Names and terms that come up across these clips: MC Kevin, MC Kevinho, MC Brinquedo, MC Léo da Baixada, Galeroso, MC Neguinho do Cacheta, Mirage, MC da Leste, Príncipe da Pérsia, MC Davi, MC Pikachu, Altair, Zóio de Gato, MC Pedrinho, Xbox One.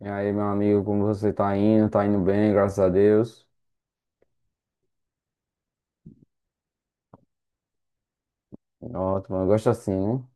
E aí, meu amigo, como você tá indo? Tá indo bem, graças a Deus. Ótimo, eu gosto assim, né?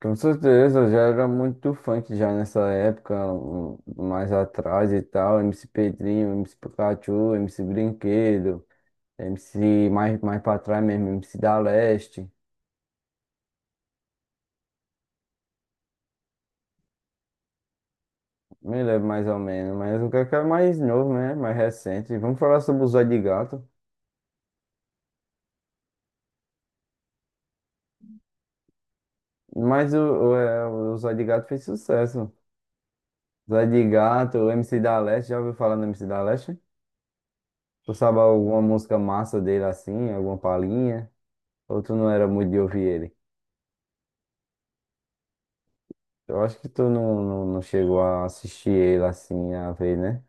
Com certeza, eu já era muito funk já nessa época, mais atrás e tal. MC Pedrinho, MC Pikachu, MC Brinquedo, MC mais pra trás mesmo, MC da Leste. Me lembro mais ou menos, mas o que é mais novo, né? Mais recente. Vamos falar sobre o Zóio de Gato. Mas o Zóio de Gato fez sucesso. Zóio de Gato, o MC da Leste, já ouviu falar no MC da Leste? Tu sabe alguma música massa dele assim, alguma palhinha? Ou tu não era muito de ouvir ele? Eu acho que tu não chegou a assistir ele assim, a ver, né?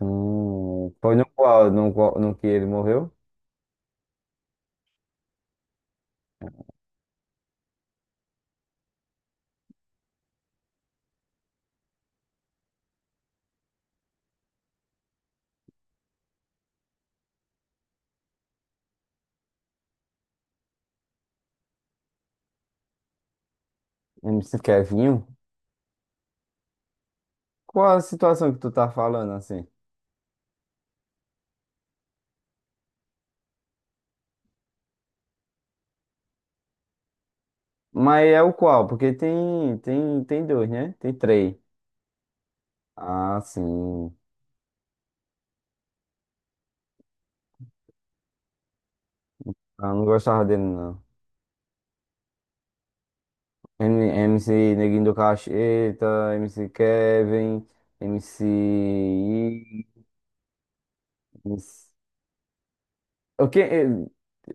Foi no qual, no que ele morreu? MC Kevinho? Qual a situação que tu tá falando assim? Mas é o qual? Porque tem dois, né? Tem três. Ah, sim. Ah, não gostava dele, não. MC Neguinho do Cacheta, MC Kevin, MC... I, O que?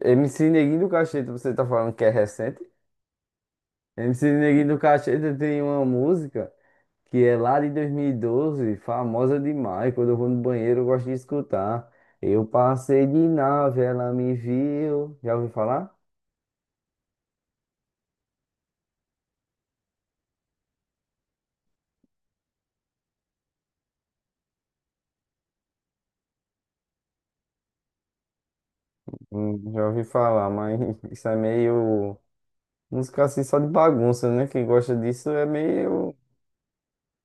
MC Neguinho do Cacheta, você tá falando que é recente? MC Neguinho do Cacheta tem uma música que é lá de 2012, famosa demais. Quando eu vou no banheiro, eu gosto de escutar. Eu passei de nave, ela me viu. Já ouviu falar? Já ouvi falar, mas isso é meio. Música assim só de bagunça, né? Quem gosta disso é meio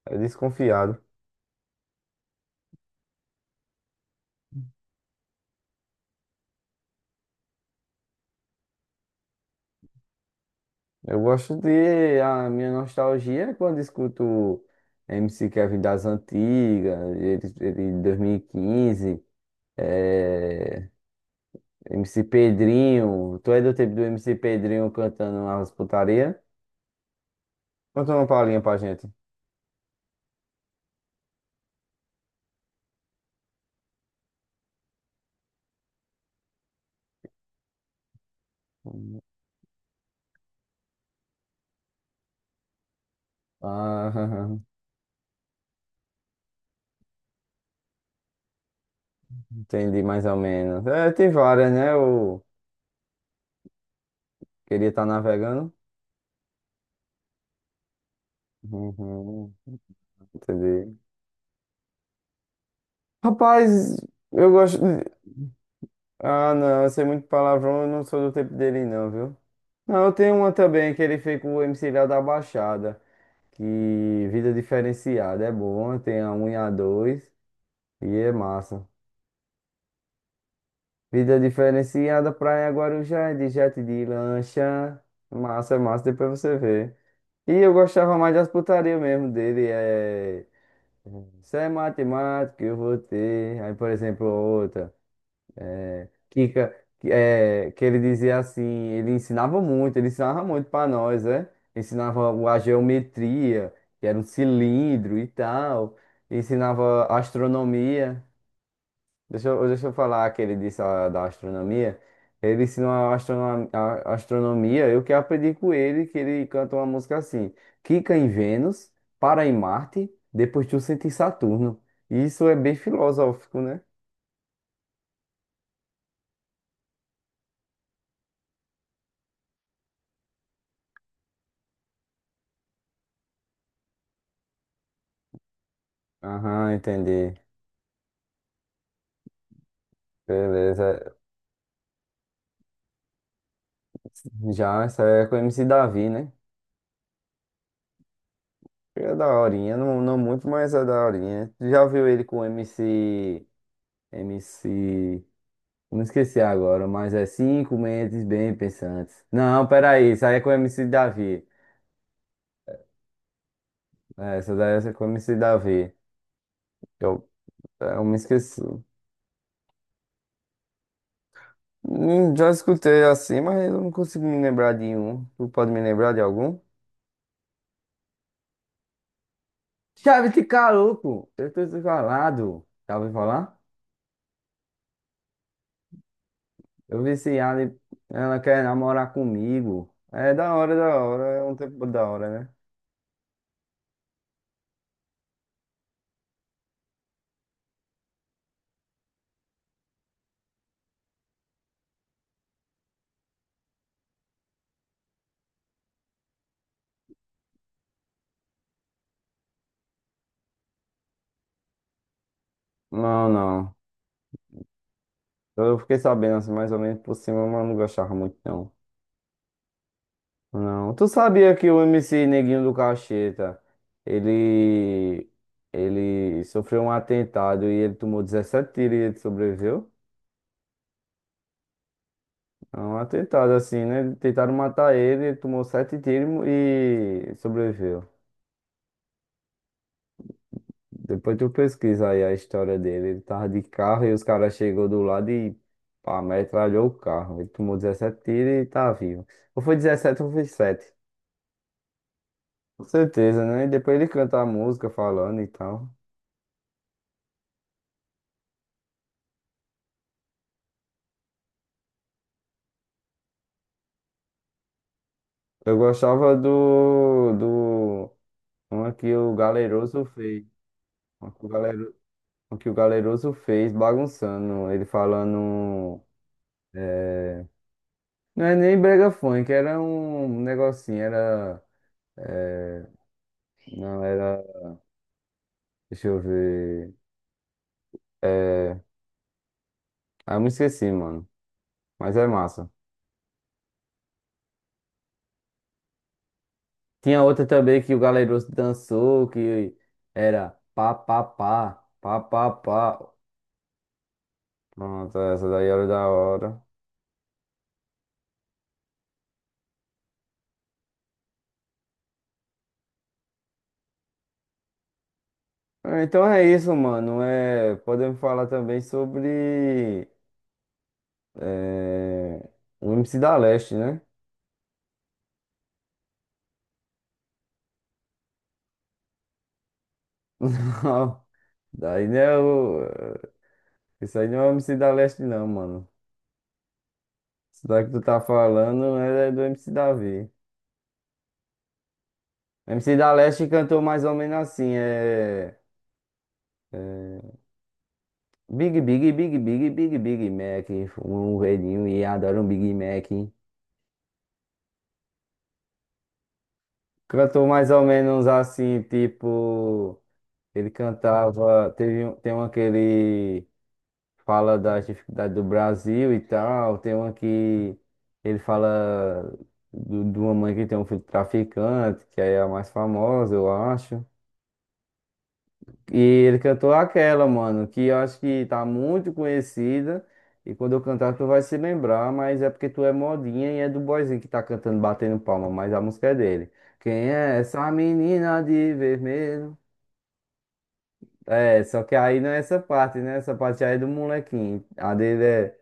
desconfiado. Eu gosto de. A minha nostalgia é quando escuto MC Kevin das antigas, ele de 2015, eh, MC Pedrinho. Tu é do tempo do MC Pedrinho cantando as putaria? Conta uma palhinha pra gente. Ah, entendi mais ou menos. É, tem várias, né? Eu queria estar navegando. Uhum, entendi. Rapaz, eu gosto. Ah, não, eu sei muito palavrão, eu não sou do tempo dele não, viu? Não, eu tenho uma também que ele fez com o MC Léo da Baixada, que Vida Diferenciada é bom, tem a um e a dois e é massa. Vida Diferenciada, Praia Guarujá, é de jet de lancha, massa, é massa, depois você vê. E eu gostava mais das putarias mesmo dele. Isso é matemática, eu vou ter. Aí, por exemplo, outra. Que, ca- que, é, que ele dizia assim, ele ensinava muito para nós, né? Ensinava a geometria, que era um cilindro e tal, ensinava astronomia. Deixa eu falar que ele disse da astronomia. Ele ensinou a astronomia, eu que aprendi com ele, que ele canta uma música assim, Quica em Vênus, para em Marte, depois tu sente em Saturno. Isso é bem filosófico, né? Aham, entendi. Beleza. Já, essa é com o MC Davi, né? É da horinha, não, não muito, mas é da horinha. Tu já viu ele com o MC. MC. Não esqueci agora, mas é cinco mentes bem pensantes. Não, peraí, isso aí é com o MC Davi. É, essa daí essa é com o MC Davi. Eu, eu me esqueci. Já escutei assim, mas eu não consigo me lembrar de um. Tu pode me lembrar de algum? Chave de caroco! Eu tô desvalado. Já ouviu falar? Eu viciado, e ela quer namorar comigo. É da hora, é um tempo da hora, né? Não, não. Eu fiquei sabendo assim, mais ou menos por cima, mas não gostava muito, não. Não. Tu sabia que o MC Neguinho do Cacheta, ele, ele sofreu um atentado e ele tomou 17 tiros e ele sobreviveu? É um atentado assim, né? Tentaram matar ele, ele tomou 7 tiros e sobreviveu. Depois tu pesquisa aí a história dele. Ele tava de carro e os caras chegou do lado e pá, metralhou o carro. Ele tomou dezessete tiros e tá vivo. Ou foi 17 ou foi sete. Com certeza, né? E depois ele canta a música falando e tal. Eu gostava do uma que o Galeroso fez. Uma que o uma que o Galeroso fez bagunçando. Ele falando. é, Não é nem brega funk, era um negocinho, era. é, Não, era. Deixa eu ver. É... Ah, eu me esqueci, mano. Mas é massa. Tinha outra também que o Galeroso dançou, que era pá, pá, pá, pá, pá, pá. Pronto, essa daí era da hora. Ah, então é isso, mano. Podemos falar também sobre é... o MC da Leste, né? Não, daí não é o... Isso aí não é o MC da Leste, não, mano. Isso daí que tu tá falando né, é do MC Davi. MC da Leste cantou mais ou menos assim, é, Big, Big, Big, Big, Big, Big Mac, um velhinho e adoro um Big Mac. Cantou mais ou menos assim, tipo... Ele cantava... Teve, tem uma que ele fala das dificuldades do Brasil e tal, tem uma que ele fala de uma mãe que tem um filho traficante, que aí é a mais famosa, eu acho. E ele cantou aquela, mano, que eu acho que tá muito conhecida. E quando eu cantar, tu vai se lembrar, mas é porque tu é modinha e é do boyzinho que tá cantando, batendo palma, mas a música é dele. Quem é essa menina de vermelho? É, só que aí não é essa parte, né? Essa parte aí é do molequinho. A dele é.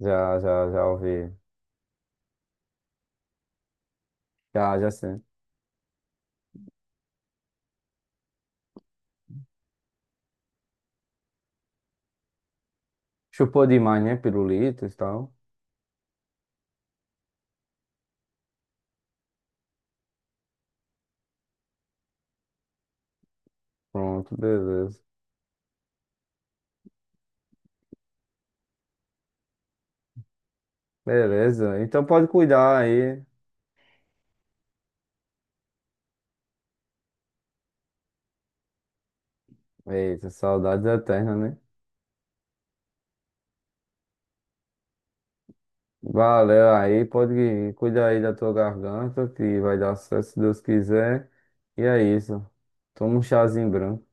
Já, já, já ouvi. Já, já sei. Chupou demais, né? Pirulitos e tal. Pronto, beleza. Beleza. Então pode cuidar aí. Eita, saudades eternas, né? Valeu aí, pode cuidar aí da tua garganta, que vai dar sucesso se Deus quiser. E é isso. Toma um chazinho branco.